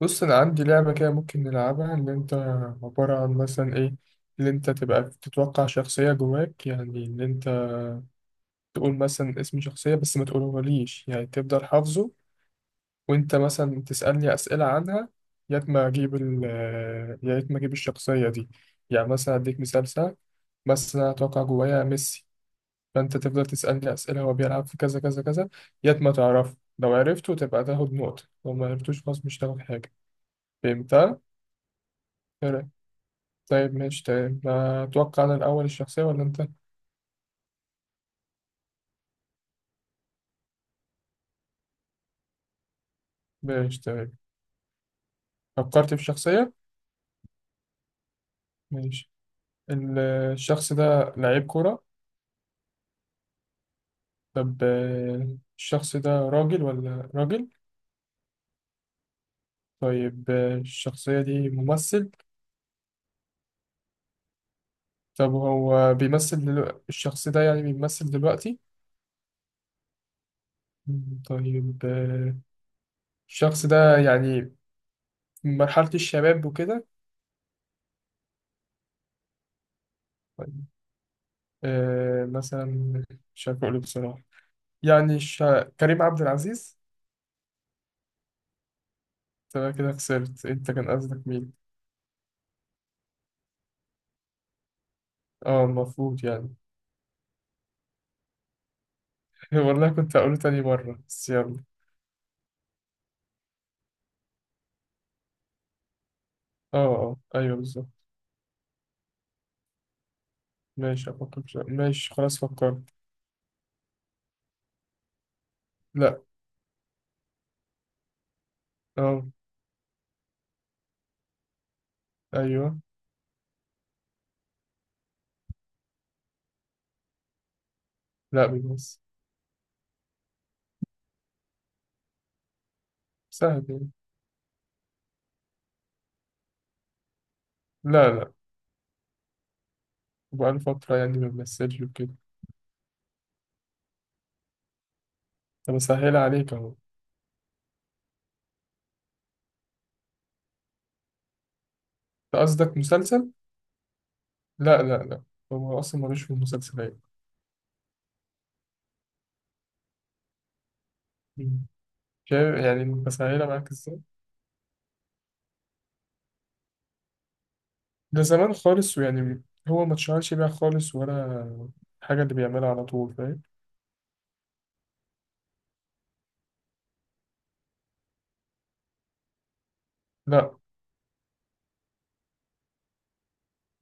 بص انا عندي لعبه كده ممكن نلعبها اللي انت عباره عن مثلا ايه اللي انت تبقى تتوقع شخصيه جواك يعني اللي انت تقول مثلا اسم شخصيه بس ما تقولهوليش يعني تفضل حافظه وانت مثلا تسالني اسئله عنها يا ما اجيب ال يا ريت ما اجيب الشخصيه دي يعني مثلا اديك مثال سهل بس انا اتوقع جوايا ميسي. فانت تفضل تسالني اسئله، هو بيلعب في كذا كذا كذا، يا ما تعرفه. لو عرفته تبقى تاخد نقطه، لو ما عرفتوش خلاص مش تاخد حاجه. فهمتها؟ طيب ماشي. طيب أتوقع أنا الأول الشخصية ولا أنت؟ ماشي طيب. فكرت في شخصية؟ ماشي. ال- الشخص ده لعيب كورة؟ طب الشخص ده راجل ولا راجل؟ طيب الشخصية دي ممثل؟ طب هو الشخص ده يعني بيمثل دلوقتي؟ طيب الشخص ده يعني في مرحلة الشباب وكده؟ طيب، مثلا مش عارف أقوله بصراحة. يعني الش... كريم عبد العزيز. تمام، كده خسرت. انت كان قصدك مين؟ اه المفروض يعني. والله كنت هقوله تاني مرة بس يلا. اه اه ايوه بالظبط. ماشي افكر في سؤال. ماشي خلاص فكرت. لا. اه. ايوه. لا بيمثل. سهل يعني. لا لا. بقاله فترة يعني ما بيمثلش وكده. طب اسهل عليك اهو. انت قصدك مسلسل؟ لا لا لا. هو اصلا ملوش في المسلسلات. مم. شايف يعني بسهلها معاك ازاي. ده زمان خالص ويعني هو ما اتشهرش بيها خالص، ولا حاجة اللي بيعملها على طول، فاهم. لا.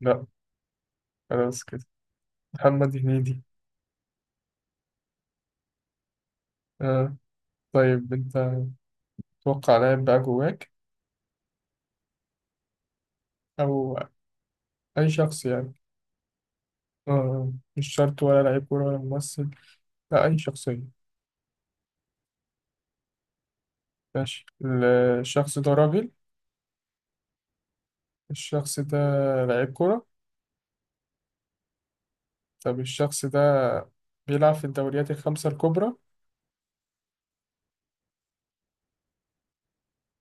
لا. خلاص كده محمد هنيدي. آه. طيب انت توقع لاعب بقى جواك، او اي شخص يعني. آه. مش شرط ولا لعيب كورة ولا ممثل، لا اي شخصية. ماشي. الشخص ده راجل. الشخص ده لعيب كورة. طب الشخص ده بيلعب في الدوريات الخمسة الكبرى؟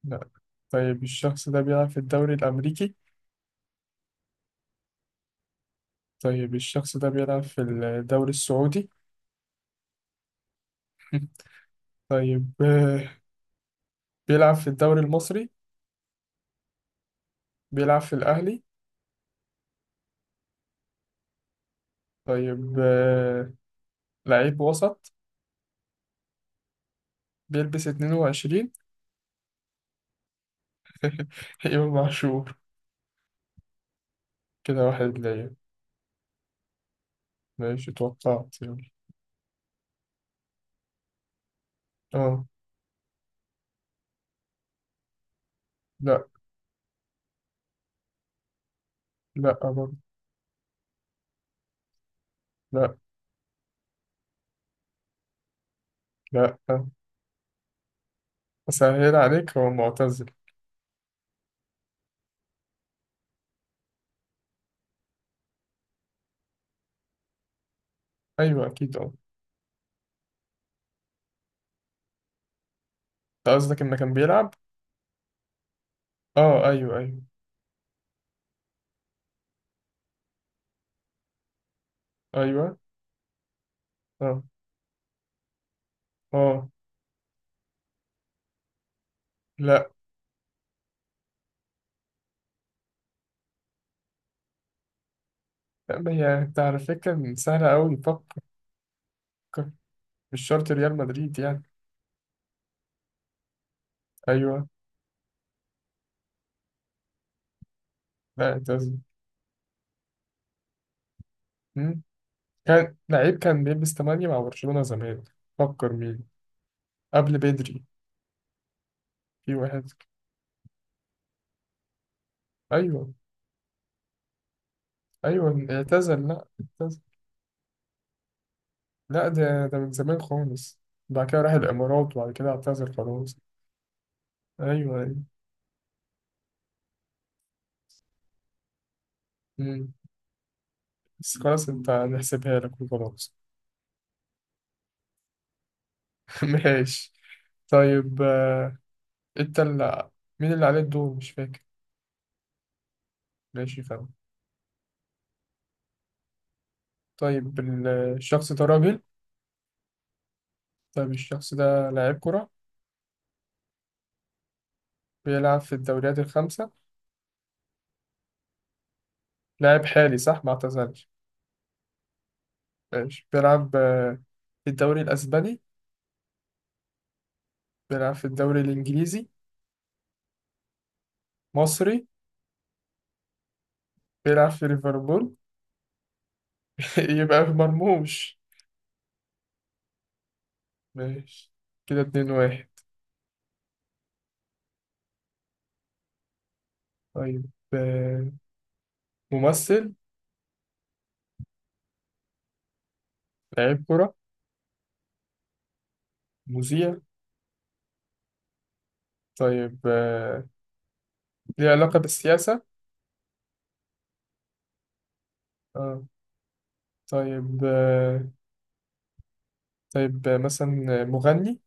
لا. طيب الشخص ده بيلعب في الدوري الأمريكي؟ طيب الشخص ده بيلعب في الدوري السعودي؟ طيب بيلعب في الدوري المصري؟ بيلعب في الأهلي؟ طيب لعيب وسط. بيلبس 22. إمام عاشور. كده واحد ليا. ماشي توقعت يعني. اه. لا. لا برضه. لا. لا. أسهل عليك، هو معتزل. أيوه أكيد اه. أنت قصدك إنه كان بيلعب؟ اه أيوه أيوه. أيوه. اه اه. لا. لا ما هي أنت على فكرة سهلة أوي، فكر فكر. مش شرط ريال مدريد يعني. أيوه. لا اعتزل. مم. كان لعيب، كان بيلبس 8 مع برشلونة زمان. فكر مين، قبل بدري. في واحد. ايوه ايوه. اعتزل لا، اعتزل. لا ده ده من زمان خالص. بعد كده راح الامارات وبعد كده اعتزل خلاص. ايوه ايوه. مم. بس خلاص انت نحسبها لك وخلاص. ماشي. طيب انت اللي، مين اللي عليه الدور مش فاكر. ماشي فاهم. طيب الشخص ده راجل. طيب الشخص ده لاعب كرة. بيلعب في الدوريات الخمسة. لاعب حالي صح ما اعتزلش. ماشي بيلعب في الدوري الأسباني. بيلعب في الدوري الإنجليزي. مصري. بيلعب في ليفربول. يبقى في مرموش. ماشي. كده اتنين واحد. طيب ممثل. لعيب كرة. مذيع. طيب ليه علاقة بالسياسة. اه. طيب طيب آه، مثلا آه، مغني.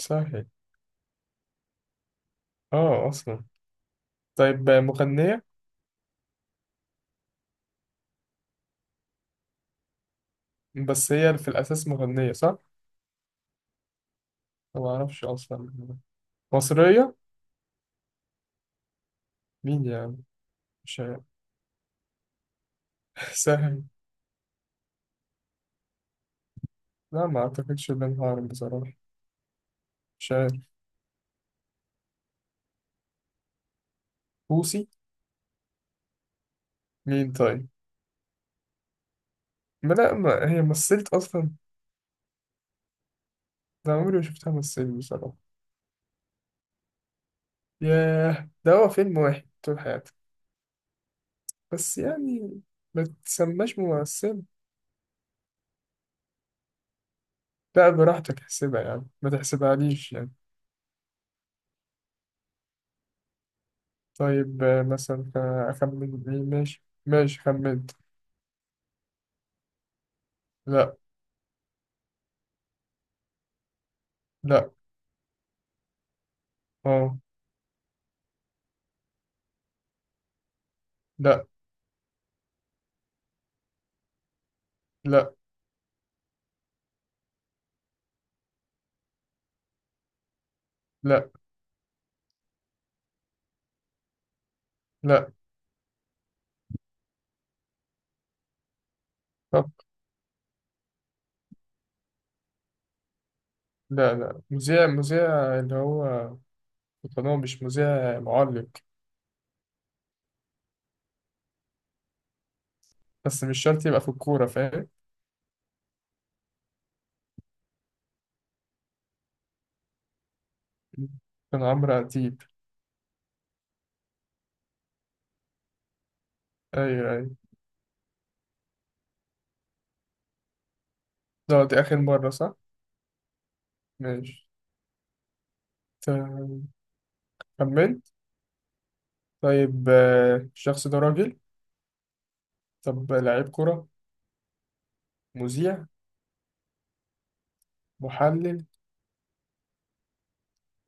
سهل. اه أصلا. طيب مغنية. بس هي في الأساس مغنية صح؟ أنا معرفش أصلا. مصرية. مين يعني؟ مش عارف. سهل. لا ما أعتقدش إن أنا هعرف بصراحة. مش عارف. بوسي. مين طيب. ما لا، ما هي مثلت اصلا. ده عمري ما شفتها مثلت بصراحه. ياه ده هو فيلم واحد طول حياتي. بس يعني ما تسماش ممثل. لا براحتك، احسبها يعني ما تحسبهاليش يعني. طيب آه، مثلا آه، اخمن مين. ماشي ماشي خمنت. لا. لا. اه. لا. لا. لا. لا. طب لا. لا. مذيع مذيع اللي هو في القناة، مش مذيع معلق. بس مش شرط يبقى في الكورة، فاهم. كان عمرو أديب. أيوه أيوه. لا دي آخر مرة صح؟ ماشي. ت- كملت. طيب الشخص ده راجل. طب لعيب كرة. مذيع. محلل.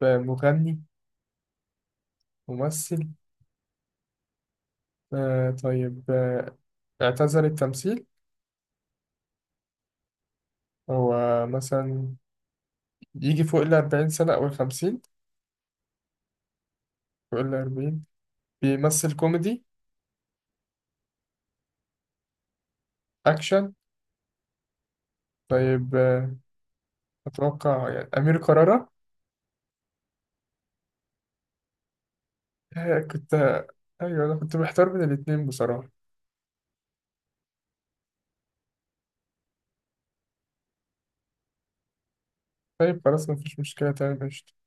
مغني. ممثل. آه، طيب آه، اعتزل التمثيل. هو مثلا يجي فوق الأربعين سنة أو الخمسين. فوق الأربعين. بيمثل كوميدي. أكشن. طيب أتوقع يعني أمير كرارة. آه، كنت أيوه أنا كنت محتار بين الاتنين بصراحة. طيب خلاص مفيش مشكلة، تمام ماشي.